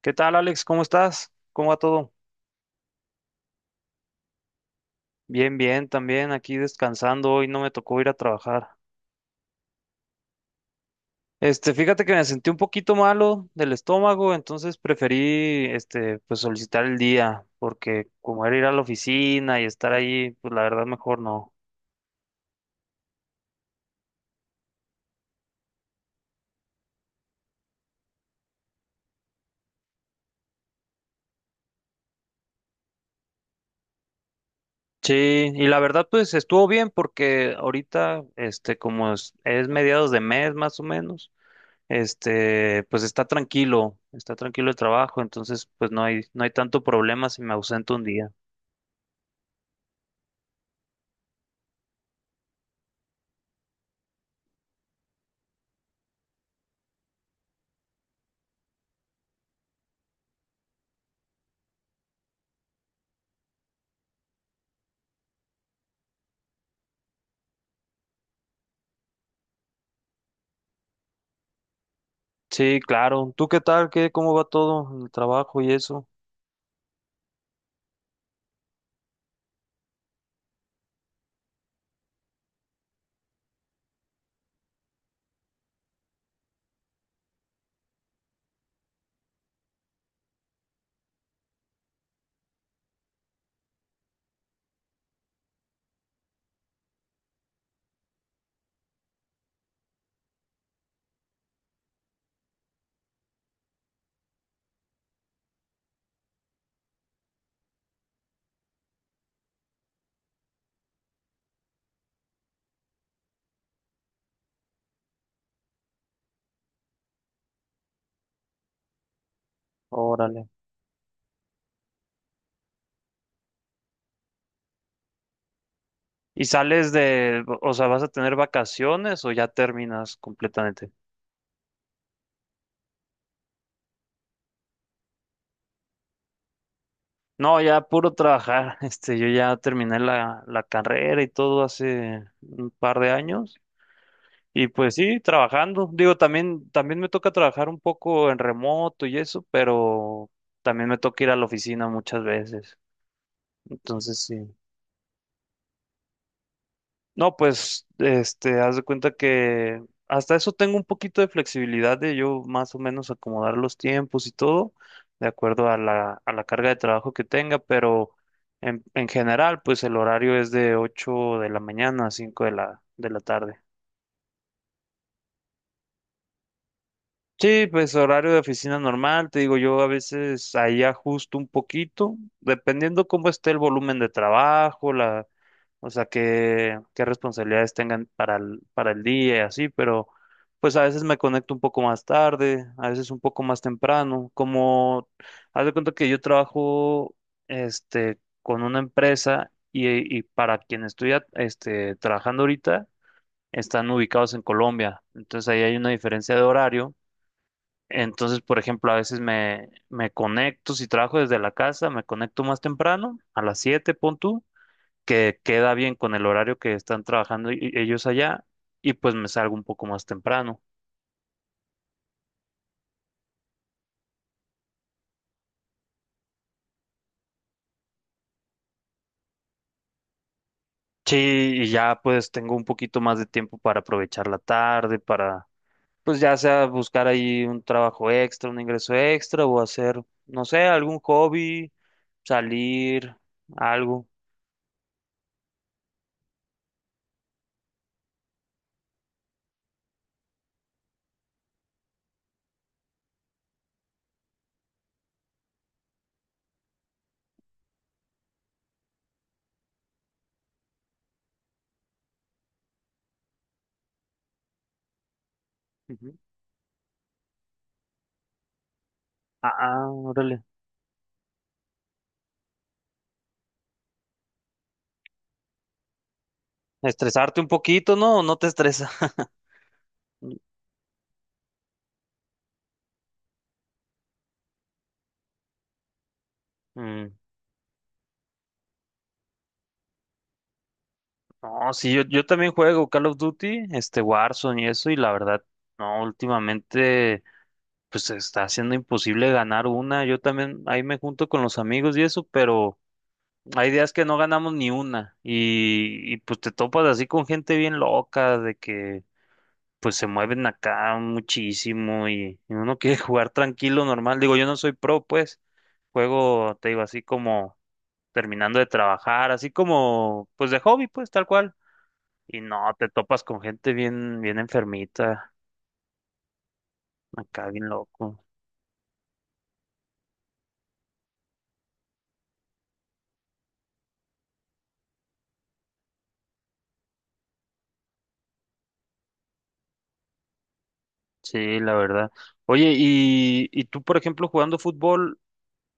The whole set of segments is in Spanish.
¿Qué tal, Alex? ¿Cómo estás? ¿Cómo va todo? Bien, bien, también aquí descansando. Hoy no me tocó ir a trabajar. Fíjate que me sentí un poquito malo del estómago, entonces preferí, pues solicitar el día, porque como era ir a la oficina y estar ahí, pues la verdad mejor no. Sí, y la verdad pues estuvo bien porque ahorita, como es mediados de mes más o menos, pues está tranquilo el trabajo, entonces pues no hay tanto problema si me ausento un día. Sí, claro. ¿Tú qué tal? ¿Qué, cómo va todo en el trabajo y eso? Órale. ¿Y sales de, o sea, vas a tener vacaciones o ya terminas completamente? No, ya puro trabajar. Yo ya terminé la carrera y todo hace un par de años. Y pues sí, trabajando. Digo, también me toca trabajar un poco en remoto y eso, pero también me toca ir a la oficina muchas veces. Entonces sí. No, pues, haz de cuenta que hasta eso tengo un poquito de flexibilidad de yo más o menos acomodar los tiempos y todo, de acuerdo a a la carga de trabajo que tenga, pero en general, pues el horario es de 8 de la mañana a 5 de de la tarde. Sí, pues horario de oficina normal, te digo, yo a veces ahí ajusto un poquito, dependiendo cómo esté el volumen de trabajo, o sea, qué responsabilidades tengan para para el día y así, pero pues a veces me conecto un poco más tarde, a veces un poco más temprano, como, haz de cuenta que yo trabajo, este, con una empresa y para quien estoy, trabajando ahorita, están ubicados en Colombia, entonces ahí hay una diferencia de horario, entonces, por ejemplo, a veces me conecto, si trabajo desde la casa, me conecto más temprano, a las 7 pon tú, que queda bien con el horario que están trabajando ellos allá, y pues me salgo un poco más temprano. Sí, y ya pues tengo un poquito más de tiempo para aprovechar la tarde, para pues ya sea buscar ahí un trabajo extra, un ingreso extra, o hacer, no sé, algún hobby, salir, algo. Ujú. Ah, ah, órale. Estresarte un poquito, ¿no? ¿O no te estresa? Mm, no, sí, yo también juego Call of Duty, este Warzone y eso, y la verdad, no, últimamente, pues se está haciendo imposible ganar una. Yo también ahí me junto con los amigos y eso, pero hay días que no ganamos ni una, y pues te topas así con gente bien loca, de que pues se mueven acá muchísimo y uno quiere jugar tranquilo, normal. Digo, yo no soy pro, pues, juego, te digo, así como terminando de trabajar, así como, pues de hobby, pues, tal cual. Y no, te topas con gente bien, bien enfermita, acá bien loco. Sí, la verdad. Oye, y tú, por ejemplo, jugando fútbol,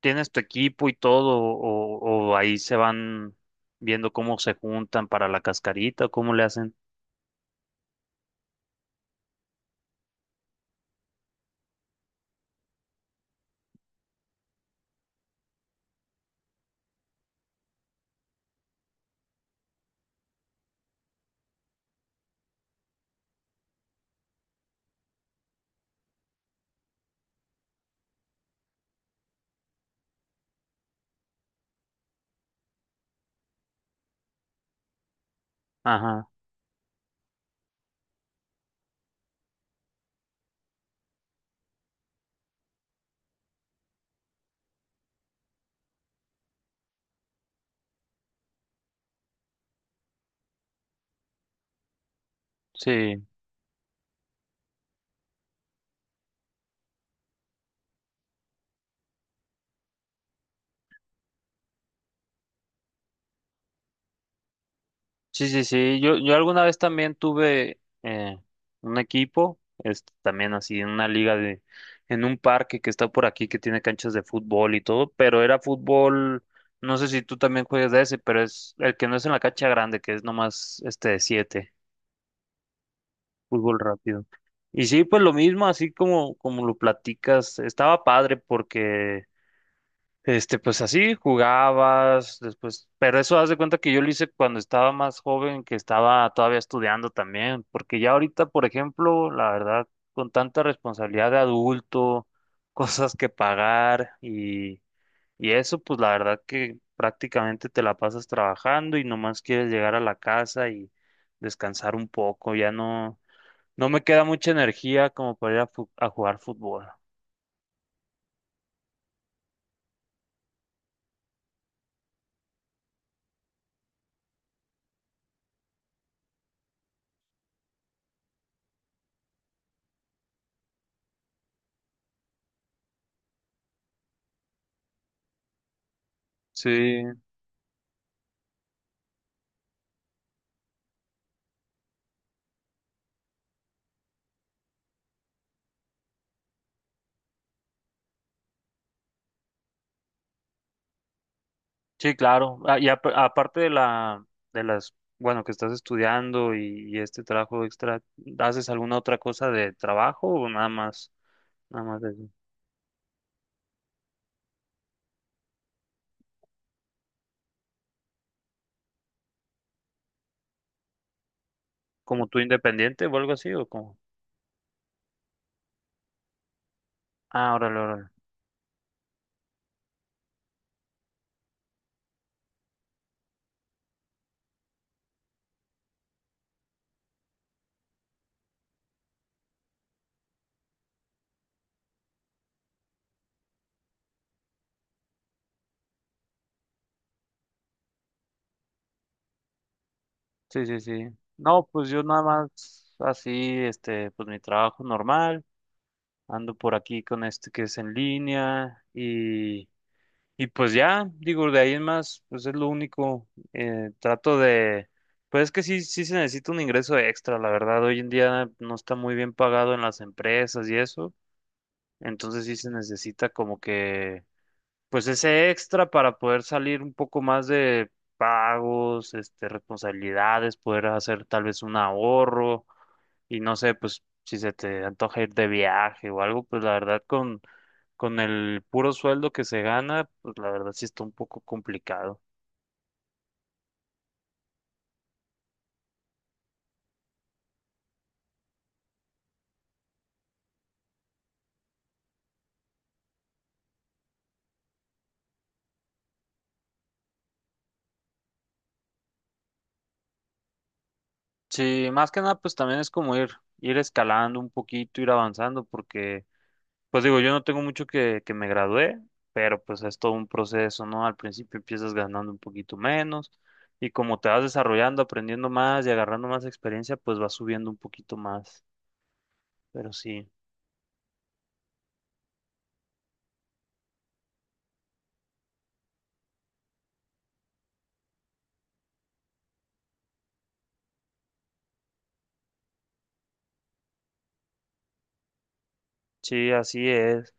¿tienes tu equipo y todo? O ahí se van viendo cómo se juntan para la cascarita, ¿cómo le hacen? Ajá, sí. Sí, sí, sí. Yo alguna vez también tuve un equipo, también así en una liga de, en un parque que está por aquí que tiene canchas de fútbol y todo, pero era fútbol, no sé si tú también juegas de ese, pero es el que no es en la cancha grande, que es nomás este de siete, fútbol rápido. Y sí, pues lo mismo, así como, como lo platicas, estaba padre porque pues así jugabas, después, pero eso haz de cuenta que yo lo hice cuando estaba más joven, que estaba todavía estudiando también, porque ya ahorita, por ejemplo, la verdad, con tanta responsabilidad de adulto, cosas que pagar y eso, pues la verdad que prácticamente te la pasas trabajando y nomás quieres llegar a la casa y descansar un poco, ya no, no me queda mucha energía como para ir a, a jugar fútbol. Sí. Sí, claro. Ah, y aparte de de las, bueno, que estás estudiando y este trabajo extra, ¿haces alguna otra cosa de trabajo o nada más de eso? ¿Como tú independiente o algo así o como? Ah, órale, órale. Sí, sí, sí. No, pues yo nada más así, pues mi trabajo normal. Ando por aquí con este que es en línea y pues ya, digo, de ahí en más, pues es lo único. Trato de, pues es que sí se necesita un ingreso extra, la verdad. Hoy en día no está muy bien pagado en las empresas y eso. Entonces sí se necesita como que pues ese extra para poder salir un poco más de pagos, responsabilidades, poder hacer tal vez un ahorro y no sé, pues si se te antoja ir de viaje o algo, pues la verdad con el puro sueldo que se gana, pues la verdad sí está un poco complicado. Sí, más que nada, pues también es como ir, ir escalando un poquito, ir avanzando, porque, pues digo, yo no tengo mucho que me gradué, pero pues es todo un proceso, ¿no? Al principio empiezas ganando un poquito menos y como te vas desarrollando, aprendiendo más y agarrando más experiencia, pues vas subiendo un poquito más. Pero sí, así es.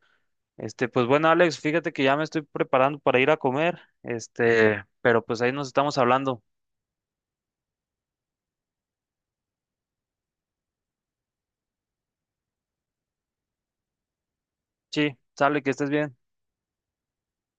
Pues bueno, Alex, fíjate que ya me estoy preparando para ir a comer, pero pues ahí nos estamos hablando. Sí, sale, que estés bien.